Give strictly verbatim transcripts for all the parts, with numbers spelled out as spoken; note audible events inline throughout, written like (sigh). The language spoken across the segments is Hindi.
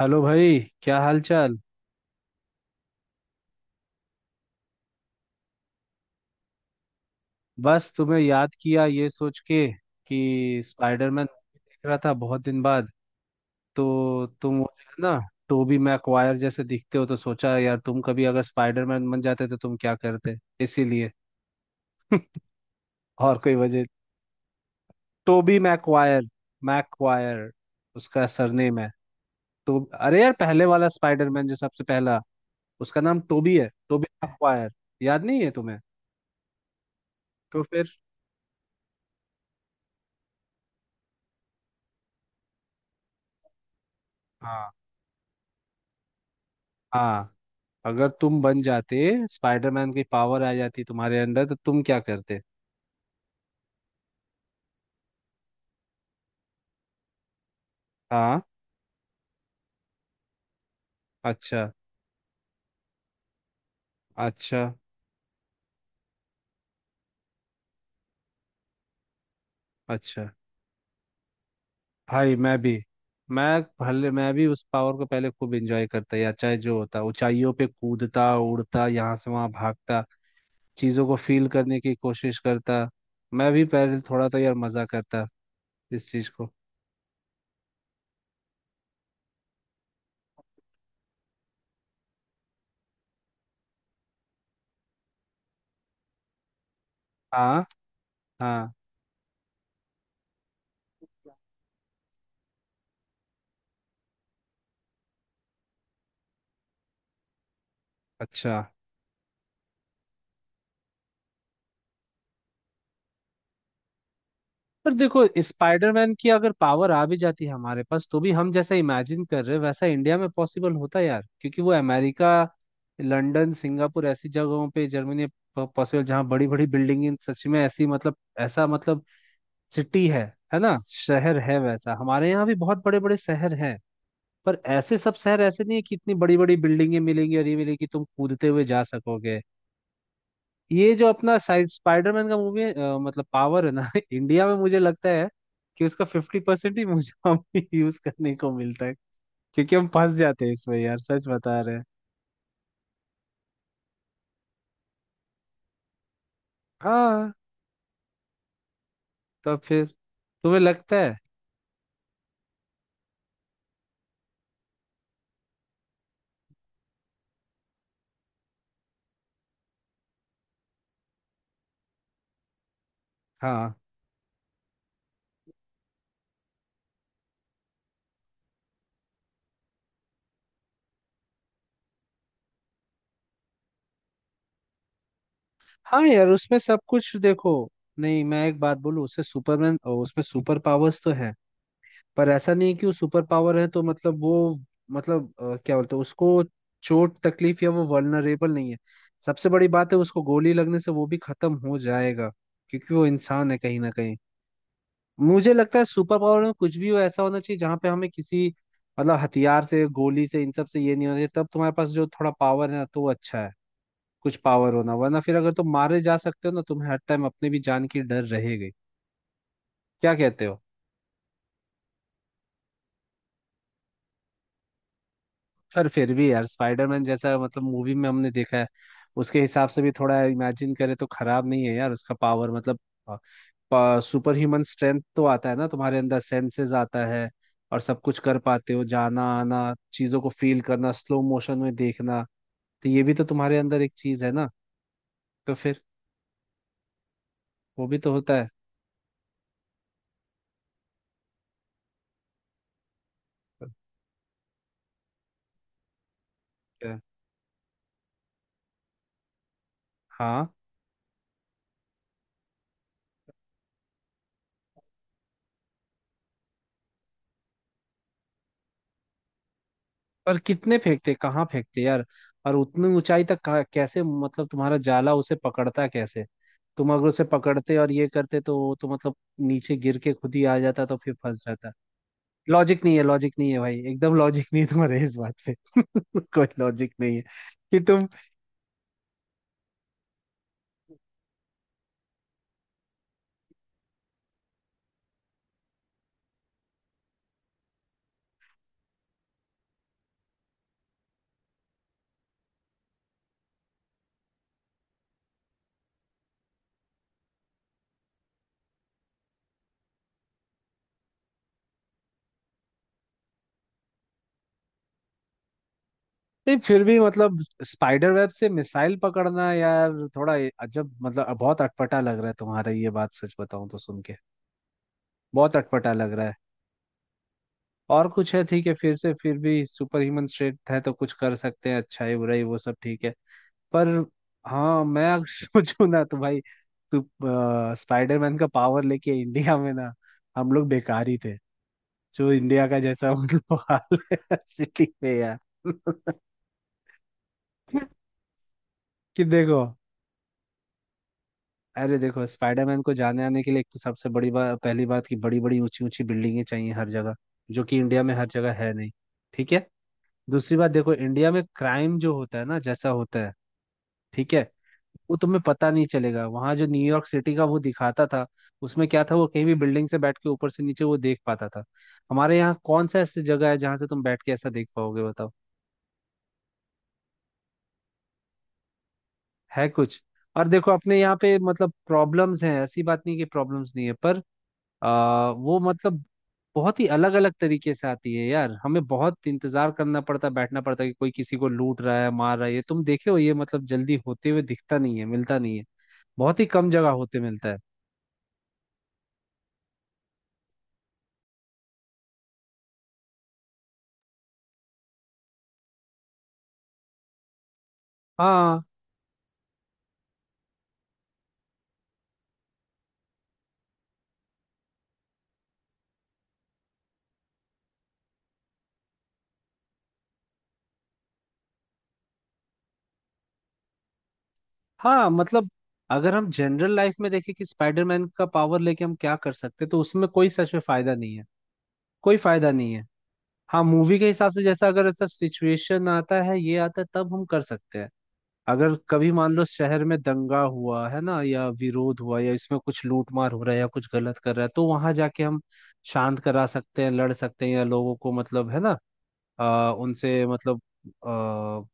हेलो भाई, क्या हाल चाल। बस तुम्हें याद किया ये सोच के कि स्पाइडरमैन मूवी देख रहा था बहुत दिन बाद। तो तुम वो जो है ना, टोबी मैकवायर जैसे दिखते हो, तो सोचा यार तुम कभी अगर स्पाइडरमैन बन जाते तो तुम क्या करते, इसीलिए। (laughs) और कोई वजह। Toby Maguire. मैकवायर उसका सरनेम है। तो अरे यार पहले वाला स्पाइडरमैन जो सबसे पहला, उसका नाम टोबी है, टोबी मैकवायर। याद नहीं है तुम्हें? तो फिर? हाँ हाँ। अगर तुम बन जाते, स्पाइडरमैन की पावर आ जाती तुम्हारे अंदर, तो तुम क्या करते? हाँ, अच्छा, अच्छा, अच्छा। भाई मैं भी, मैं भले मैं भी उस पावर को पहले खूब एंजॉय करता, या चाहे जो होता, ऊंचाइयों पे कूदता, उड़ता, यहाँ से वहां भागता, चीजों को फील करने की कोशिश करता। मैं भी पहले थोड़ा तो यार मजा करता इस चीज को। हाँ, हाँ, अच्छा। पर देखो, स्पाइडरमैन की अगर पावर आ भी जाती है हमारे पास तो भी हम जैसा इमेजिन कर रहे हैं वैसा इंडिया में पॉसिबल होता है यार, क्योंकि वो अमेरिका, लंदन, सिंगापुर, ऐसी जगहों पे, जर्मनी, पॉसिबल जहाँ बड़ी बड़ी बिल्डिंग सच में ऐसी, मतलब ऐसा, मतलब सिटी है है ना, शहर है, वैसा हमारे यहाँ भी बहुत बड़े बड़े शहर हैं। पर ऐसे सब शहर ऐसे नहीं है कि इतनी बड़ी बड़ी बिल्डिंगे मिलेंगी और ये मिलेगी तुम कूदते हुए जा सकोगे। ये जो अपना साइड स्पाइडरमैन का मूवी है, अ, मतलब पावर है ना। (laughs) इंडिया में मुझे लगता है कि उसका फिफ्टी परसेंट ही मुझे, (laughs) हमें यूज करने को मिलता है। क्योंकि हम फंस जाते हैं इसमें यार, सच बता रहे हैं। हाँ। तो फिर तुम्हें लगता है? हाँ हाँ यार उसमें सब कुछ देखो। नहीं मैं एक बात बोलूं, उससे सुपरमैन, उसमें सुपर पावर्स तो है, पर ऐसा नहीं है कि वो सुपर पावर है तो मतलब वो, मतलब अ, क्या बोलते हैं उसको, चोट तकलीफ या वो वल्नरेबल नहीं है। सबसे बड़ी बात है उसको गोली लगने से वो भी खत्म हो जाएगा, क्योंकि वो इंसान है कहीं ना कहीं। मुझे लगता है सुपर पावर में कुछ भी हो ऐसा होना चाहिए जहां पे हमें किसी मतलब हथियार से, गोली से, इन सब से ये नहीं होना चाहिए, तब तुम्हारे पास जो थोड़ा पावर है ना तो वो अच्छा है। कुछ पावर होना, वरना फिर अगर तुम मारे जा सकते हो ना, तुम्हें हर टाइम अपने भी जान की डर रहेगी। क्या कहते हो? पर फिर भी यार स्पाइडरमैन जैसा मतलब मूवी में हमने देखा है, उसके हिसाब से भी थोड़ा इमेजिन करें तो खराब नहीं है यार उसका पावर, मतलब सुपर ह्यूमन स्ट्रेंथ तो आता है ना तुम्हारे अंदर, सेंसेस आता है, और सब कुछ कर पाते हो, जाना आना, चीजों को फील करना, स्लो मोशन में देखना, तो ये भी तो तुम्हारे अंदर एक चीज है ना। तो फिर वो भी तो होता है। हाँ। पर कितने फेंकते, कहाँ फेंकते यार? और उतनी ऊंचाई तक कहाँ- कैसे, मतलब तुम्हारा जाला उसे पकड़ता कैसे? तुम अगर उसे पकड़ते और ये करते तो वो तो मतलब नीचे गिर के खुद ही आ जाता, तो फिर फंस जाता। लॉजिक नहीं है, लॉजिक नहीं है भाई, एकदम लॉजिक नहीं है तुम्हारे इस बात पे, (laughs) कोई लॉजिक नहीं है कि तुम। नहीं फिर भी मतलब स्पाइडर वेब से मिसाइल पकड़ना यार थोड़ा अजब, मतलब बहुत अटपटा लग रहा है तुम्हारा ये बात, सच बताऊं तो सुन के बहुत अटपटा लग रहा है। और कुछ है ठीक है, फिर से फिर भी सुपर ह्यूमन स्ट्रेंथ है तो कुछ कर सकते हैं, अच्छाई बुराई वो सब ठीक है, पर। हाँ मैं अगर (laughs) सोचूं ना तो भाई, तू स्पाइडरमैन का पावर लेके इंडिया में ना, हम लोग बेकार ही थे, जो इंडिया का जैसा मतलब हाल है (laughs) सिटी में यार। (laughs) कि देखो। अरे देखो, स्पाइडरमैन को जाने आने के लिए एक तो सबसे बड़ी बात, पहली बात कि बड़ी बड़ी ऊंची ऊंची बिल्डिंगें चाहिए हर जगह, जो कि इंडिया में हर जगह है नहीं, ठीक है। दूसरी बात देखो, इंडिया में क्राइम जो होता है ना जैसा होता है, ठीक है, वो तुम्हें पता नहीं चलेगा। वहां जो न्यूयॉर्क सिटी का वो दिखाता था, उसमें क्या था, वो कहीं भी बिल्डिंग से बैठ के ऊपर से नीचे वो देख पाता था। हमारे यहाँ कौन सा ऐसी जगह है जहां से तुम बैठ के ऐसा देख पाओगे, बताओ, है कुछ? और देखो अपने यहाँ पे मतलब प्रॉब्लम्स हैं, ऐसी बात नहीं कि प्रॉब्लम्स नहीं है, पर आ, वो मतलब बहुत ही अलग अलग तरीके से आती है यार, हमें बहुत इंतजार करना पड़ता है, बैठना पड़ता है कि कोई किसी को लूट रहा है, मार रहा है, ये तुम देखे हो, ये मतलब जल्दी होते हुए दिखता नहीं है, मिलता नहीं है, बहुत ही कम जगह होते मिलता है। हाँ हाँ, मतलब अगर हम जनरल लाइफ में देखें कि स्पाइडरमैन का पावर लेके हम क्या कर सकते हैं तो उसमें कोई सच में फायदा नहीं है, कोई फायदा नहीं है। हाँ, मूवी के हिसाब से जैसा अगर ऐसा सिचुएशन आता है, ये आता है, तब हम कर सकते हैं। अगर कभी मान लो शहर में दंगा हुआ है ना, या विरोध हुआ, या इसमें कुछ लूटमार हो रहा है या कुछ गलत कर रहा है, तो वहां जाके हम शांत करा सकते हैं, लड़ सकते हैं, या लोगों को मतलब है ना, आ, उनसे मतलब आ,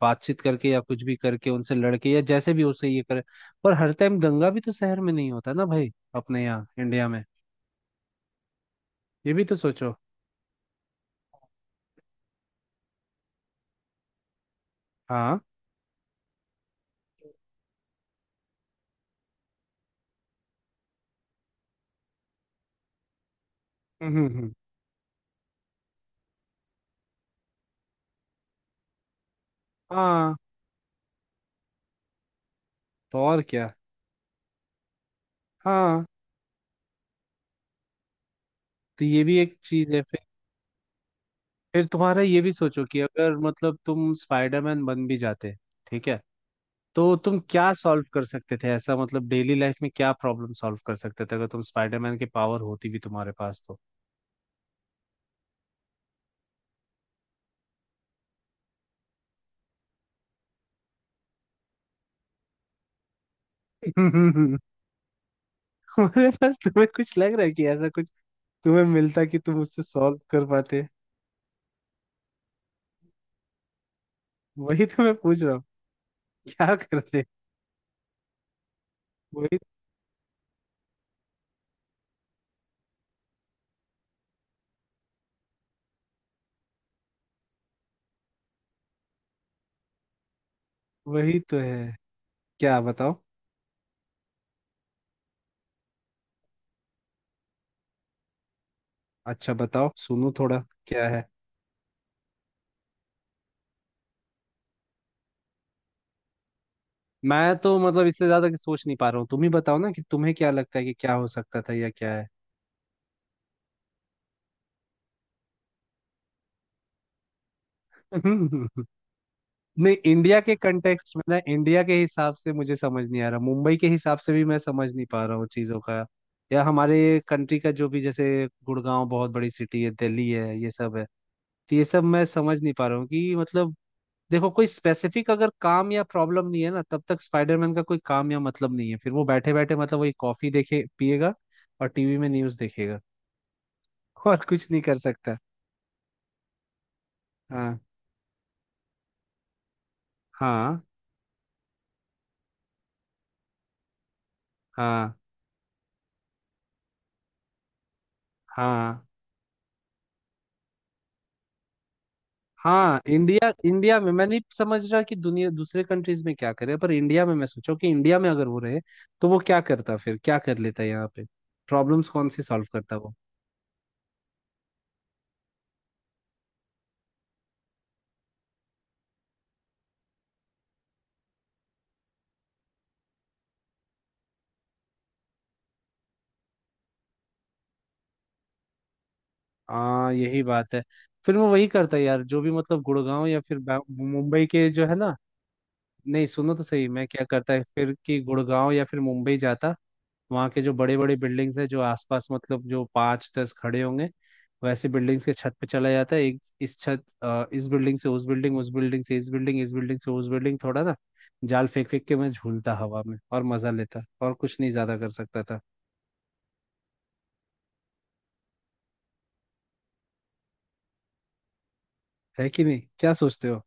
बातचीत करके या कुछ भी करके उनसे लड़के या जैसे भी उससे ये करे। पर हर टाइम दंगा भी तो शहर में नहीं होता ना भाई, अपने यहाँ इंडिया में, ये भी तो सोचो। हाँ, हम्म हम्म, हम्म। हाँ तो और क्या। हाँ तो ये भी एक चीज है। फिर तुम्हारा ये भी सोचो कि अगर मतलब तुम स्पाइडरमैन बन भी जाते, ठीक है, तो तुम क्या सॉल्व कर सकते थे, ऐसा मतलब डेली लाइफ में क्या प्रॉब्लम सॉल्व कर सकते थे अगर तुम स्पाइडरमैन की पावर होती भी तुम्हारे पास तो? (laughs) तुम्हारे पास, तुम्हें कुछ लग रहा है कि ऐसा कुछ तुम्हें मिलता कि तुम उससे सॉल्व कर पाते? वही तो मैं पूछ रहा हूँ, क्या करते। वही, वही तो है, क्या बताओ। अच्छा बताओ, सुनो थोड़ा, क्या है। मैं तो मतलब इससे ज्यादा कि सोच नहीं पा रहा हूँ, तुम ही बताओ ना कि तुम्हें क्या लगता है कि क्या हो सकता था या क्या है। हम्म, हम्म। नहीं, इंडिया के कंटेक्स्ट में ना, इंडिया के हिसाब से मुझे समझ नहीं आ रहा, मुंबई के हिसाब से भी मैं समझ नहीं पा रहा हूँ चीजों का, या हमारे कंट्री का जो भी, जैसे गुड़गांव बहुत बड़ी सिटी है, दिल्ली है, ये सब है, तो ये सब मैं समझ नहीं पा रहा हूँ कि मतलब, देखो कोई स्पेसिफिक अगर काम या प्रॉब्लम नहीं है ना, तब तक स्पाइडरमैन का कोई काम या मतलब नहीं है, फिर वो बैठे बैठे मतलब वही कॉफी देखे पिएगा और टीवी में न्यूज देखेगा, (laughs) और कुछ नहीं कर सकता। हाँ हाँ हाँ हाँ हाँ, इंडिया, इंडिया में मैं नहीं समझ रहा कि दुनिया दूसरे कंट्रीज में क्या करे, पर इंडिया में मैं सोचा कि इंडिया में अगर वो रहे तो वो क्या करता, फिर क्या कर लेता यहाँ पे, प्रॉब्लम्स कौन सी सॉल्व करता वो। हाँ, यही बात है, फिर वो वही करता यार जो भी मतलब गुड़गांव या फिर बा- मुंबई के जो है ना। नहीं सुनो तो सही, मैं क्या करता है फिर, कि गुड़गांव या फिर मुंबई जाता, वहाँ के जो बड़े बड़े बिल्डिंग्स है जो आसपास, मतलब जो पाँच दस खड़े होंगे, वैसे बिल्डिंग्स के छत पे चला जाता है, एक इस छत, अ, इस बिल्डिंग से उस बिल्डिंग, उस बिल्डिंग से इस बिल्डिंग, इस बिल्डिंग से उस बिल्डिंग, थोड़ा ना जाल फेंक फेंक के मैं झूलता हवा में और मजा लेता, और कुछ नहीं ज्यादा कर सकता था। है कि नहीं, क्या सोचते हो?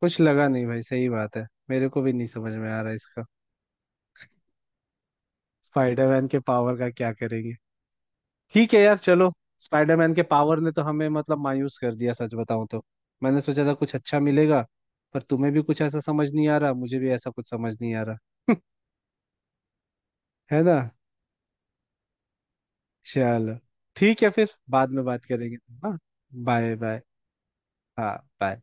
कुछ लगा नहीं भाई, सही बात है, मेरे को भी नहीं समझ में आ रहा इसका, स्पाइडरमैन के पावर का क्या करेंगे, ठीक है यार चलो। स्पाइडरमैन के पावर ने तो हमें मतलब मायूस कर दिया सच बताऊं तो। मैंने सोचा था कुछ अच्छा मिलेगा, पर तुम्हें भी कुछ ऐसा समझ नहीं आ रहा, मुझे भी ऐसा कुछ समझ नहीं आ रहा। (laughs) है ना, चलो, ठीक है, फिर बाद में बात करेंगे। हाँ, बाय बाय, हाँ, bye।